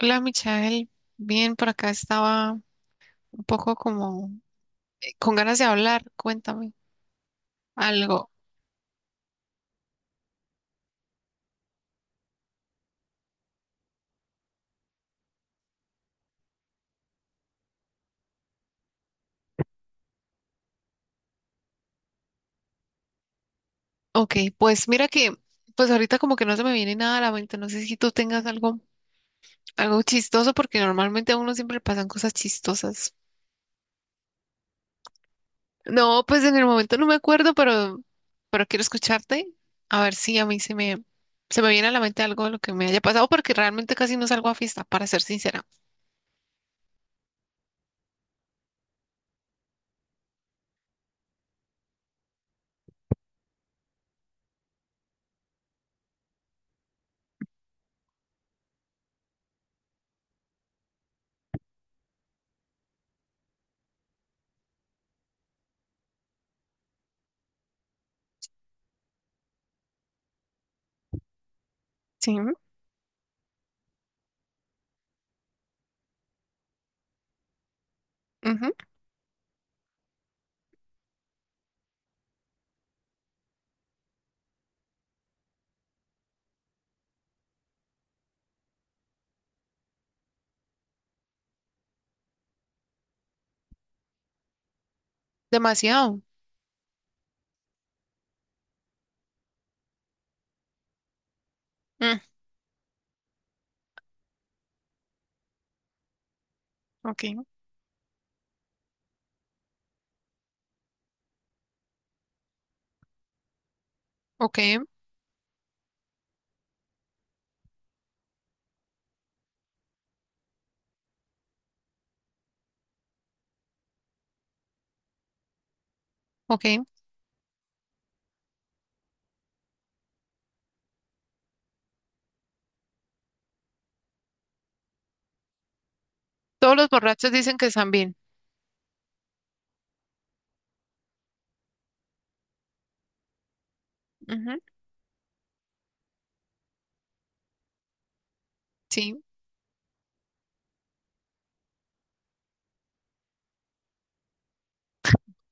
Hola, Michael. Bien, por acá estaba un poco como con ganas de hablar. Cuéntame algo. Ok, pues mira que, pues ahorita como que no se me viene nada a la mente. No sé si tú tengas algo, algo chistoso, porque normalmente a uno siempre le pasan cosas chistosas. No, pues en el momento no me acuerdo, pero quiero escucharte. A ver si a mí se me viene a la mente algo de lo que me haya pasado, porque realmente casi no salgo a fiesta, para ser sincera. Sí. Ujú. Demasiado. Mm, ok, ok, ok. Todos los borrachos dicen que están bien. Ujú. Sí,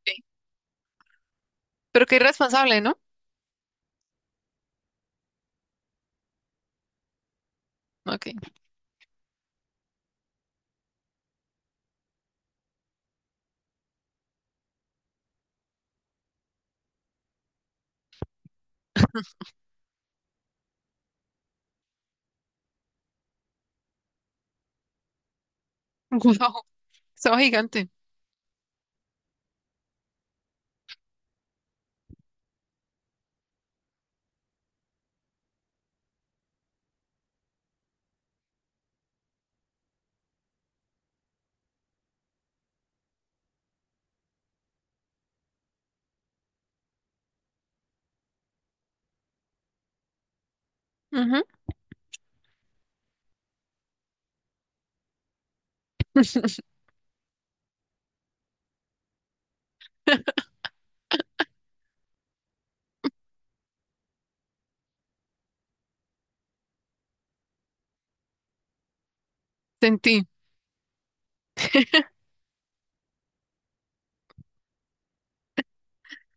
sí. Pero qué irresponsable, ¿no? Ok. Wow, estaba gigante. Ujú. Sentí.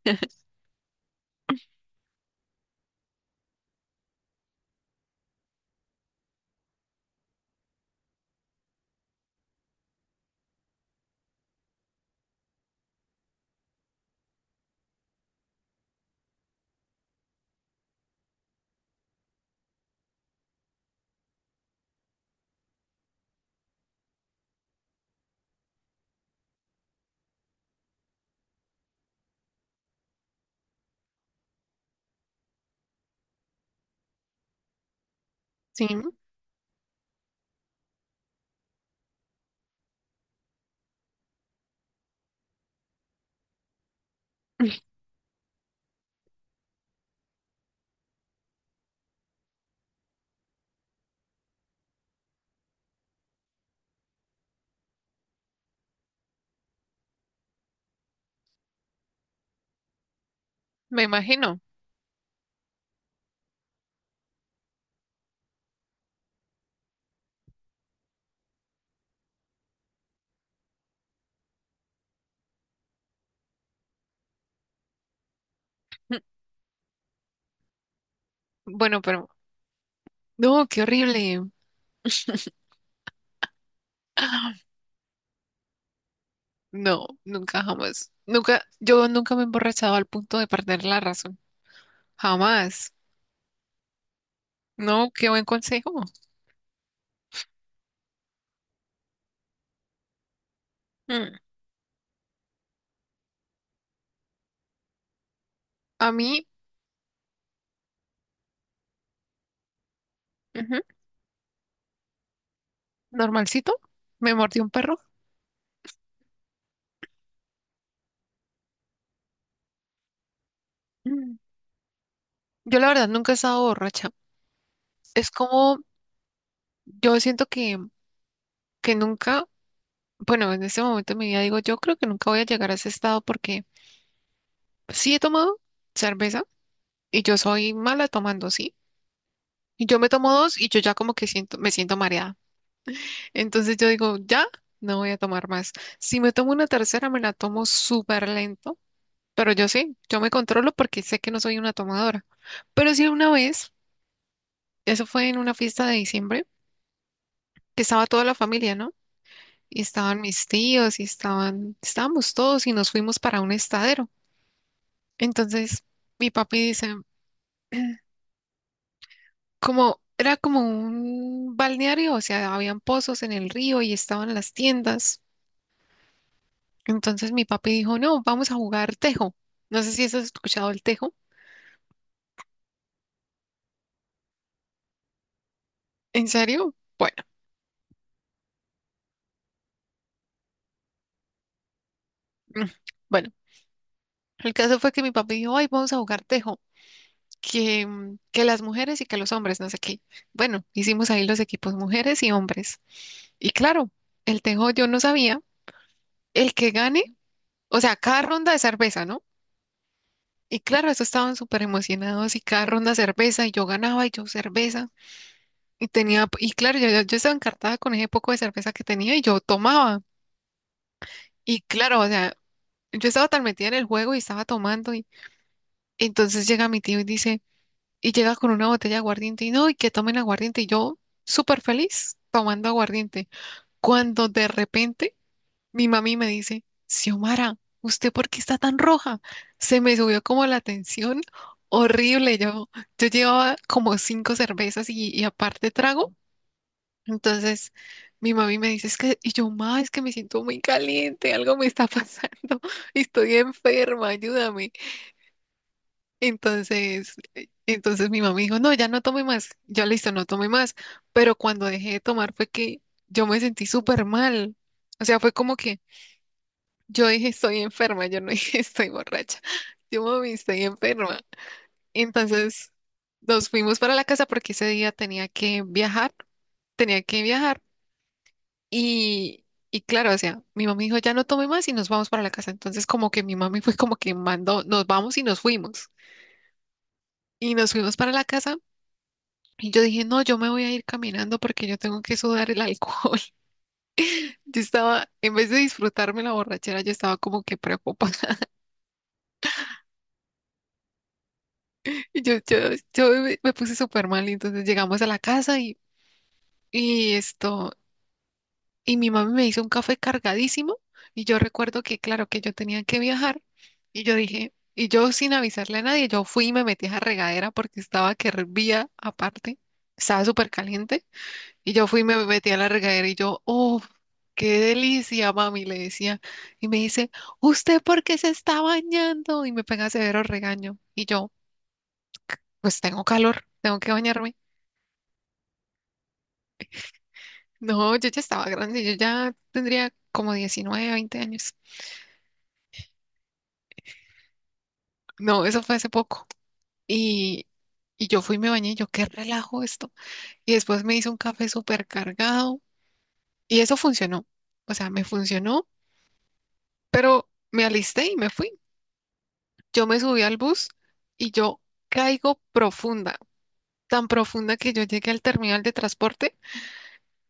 Sí, me imagino. Bueno, pero no, qué horrible. No, nunca jamás. Nunca, yo nunca me he emborrachado al punto de perder la razón. Jamás. No, qué buen consejo. Mm. A mí, ujú, normalcito, me mordió un perro. Mm. Yo la verdad nunca he estado borracha. Es como, yo siento que nunca. Bueno, en este momento de mi vida digo, yo creo que nunca voy a llegar a ese estado porque sí he tomado cerveza y yo soy mala tomando, sí. Y yo me tomo dos y yo ya como que siento, me siento mareada. Entonces yo digo, ya no voy a tomar más. Si me tomo una tercera, me la tomo súper lento, pero yo sí, yo me controlo porque sé que no soy una tomadora. Pero sí una vez, eso fue en una fiesta de diciembre, que estaba toda la familia, ¿no? Y estaban mis tíos y estaban, estábamos todos y nos fuimos para un estadero. Entonces mi papi dice, como era como un balneario, o sea, habían pozos en el río y estaban las tiendas. Entonces mi papi dijo, no, vamos a jugar tejo. No sé si has escuchado el tejo. ¿En serio? Bueno, mm, bueno, el caso fue que mi papi dijo, ay, vamos a jugar tejo. Que, que las mujeres y que los hombres, no sé qué. Bueno, hicimos ahí los equipos mujeres y hombres. Y claro, el tejo yo no sabía. El que gane, o sea, cada ronda de cerveza, ¿no? Y claro, eso estaban súper emocionados y cada ronda cerveza y yo ganaba y yo cerveza. Y tenía, y claro, yo, yo estaba encartada con ese poco de cerveza que tenía y yo tomaba. Y claro, o sea, yo estaba tan metida en el juego y estaba tomando y entonces llega mi tío y dice, y llega con una botella de aguardiente y no, y que tomen aguardiente. Y yo súper feliz tomando aguardiente. Cuando de repente mi mami me dice, Xiomara, ¿usted por qué está tan roja? Se me subió como la tensión horrible. Yo llevaba como 5 cervezas y aparte trago. Entonces mi mami me dice, es que, y yo, ma, es que me siento muy caliente, algo me está pasando, estoy enferma, ayúdame. Entonces, entonces mi mami dijo, no, ya no tome más. Yo, listo, no tome más. Pero cuando dejé de tomar fue que yo me sentí súper mal. O sea, fue como que yo dije estoy enferma, yo no dije estoy borracha. Yo mami, estoy enferma. Entonces nos fuimos para la casa porque ese día tenía que viajar, tenía que viajar. Y, y claro, o sea, mi mamá dijo, ya no tome más y nos vamos para la casa. Entonces como que mi mami fue como que mandó, nos vamos y nos fuimos. Y nos fuimos para la casa y yo dije, no, yo me voy a ir caminando porque yo tengo que sudar el alcohol. Yo estaba, en vez de disfrutarme la borrachera, yo estaba como que preocupada. Y yo me puse súper mal y entonces llegamos a la casa y esto, y mi mami me hizo un café cargadísimo y yo recuerdo que, claro, que yo tenía que viajar y yo dije, y yo sin avisarle a nadie, yo fui y me metí a la regadera porque estaba que hervía aparte, estaba súper caliente y yo fui y me metí a la regadera y yo, oh, qué delicia, mami, le decía. Y me dice, ¿usted por qué se está bañando? Y me pega severo regaño y yo, pues tengo calor, tengo que bañarme. No, yo ya estaba grande, yo ya tendría como 19, 20 años. No, eso fue hace poco. Y, y yo fui y me bañé, y yo qué relajo esto. Y después me hice un café súper cargado y eso funcionó. O sea, me funcionó, pero me alisté y me fui. Yo me subí al bus y yo caigo profunda, tan profunda que yo llegué al terminal de transporte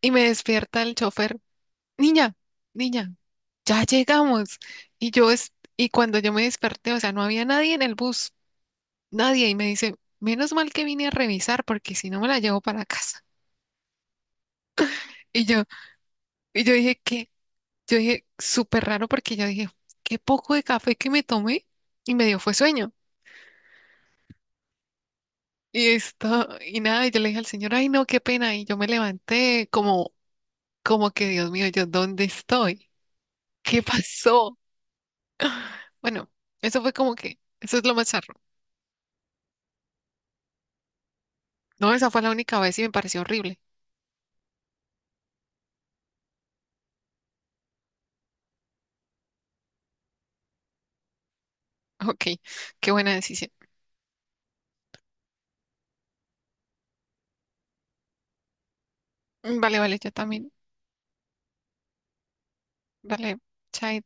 y me despierta el chofer niña, niña, ya llegamos. Y yo, es, y cuando yo me desperté, o sea, no había nadie en el bus, nadie, y me dice, menos mal que vine a revisar, porque si no me la llevo para casa. Y yo, y yo dije, ¿qué? Yo dije, súper raro, porque yo dije, qué poco de café que me tomé, y me dio fue sueño. Y esto, y nada, y yo le dije al señor, ay, no, qué pena, y yo me levanté como, como que, Dios mío, yo, ¿dónde estoy? ¿Qué pasó? Bueno, eso fue como que, eso es lo más raro. No, esa fue la única vez y me pareció horrible. Ok, qué buena decisión. Mm, vale, vale, yo también. Vale, chao.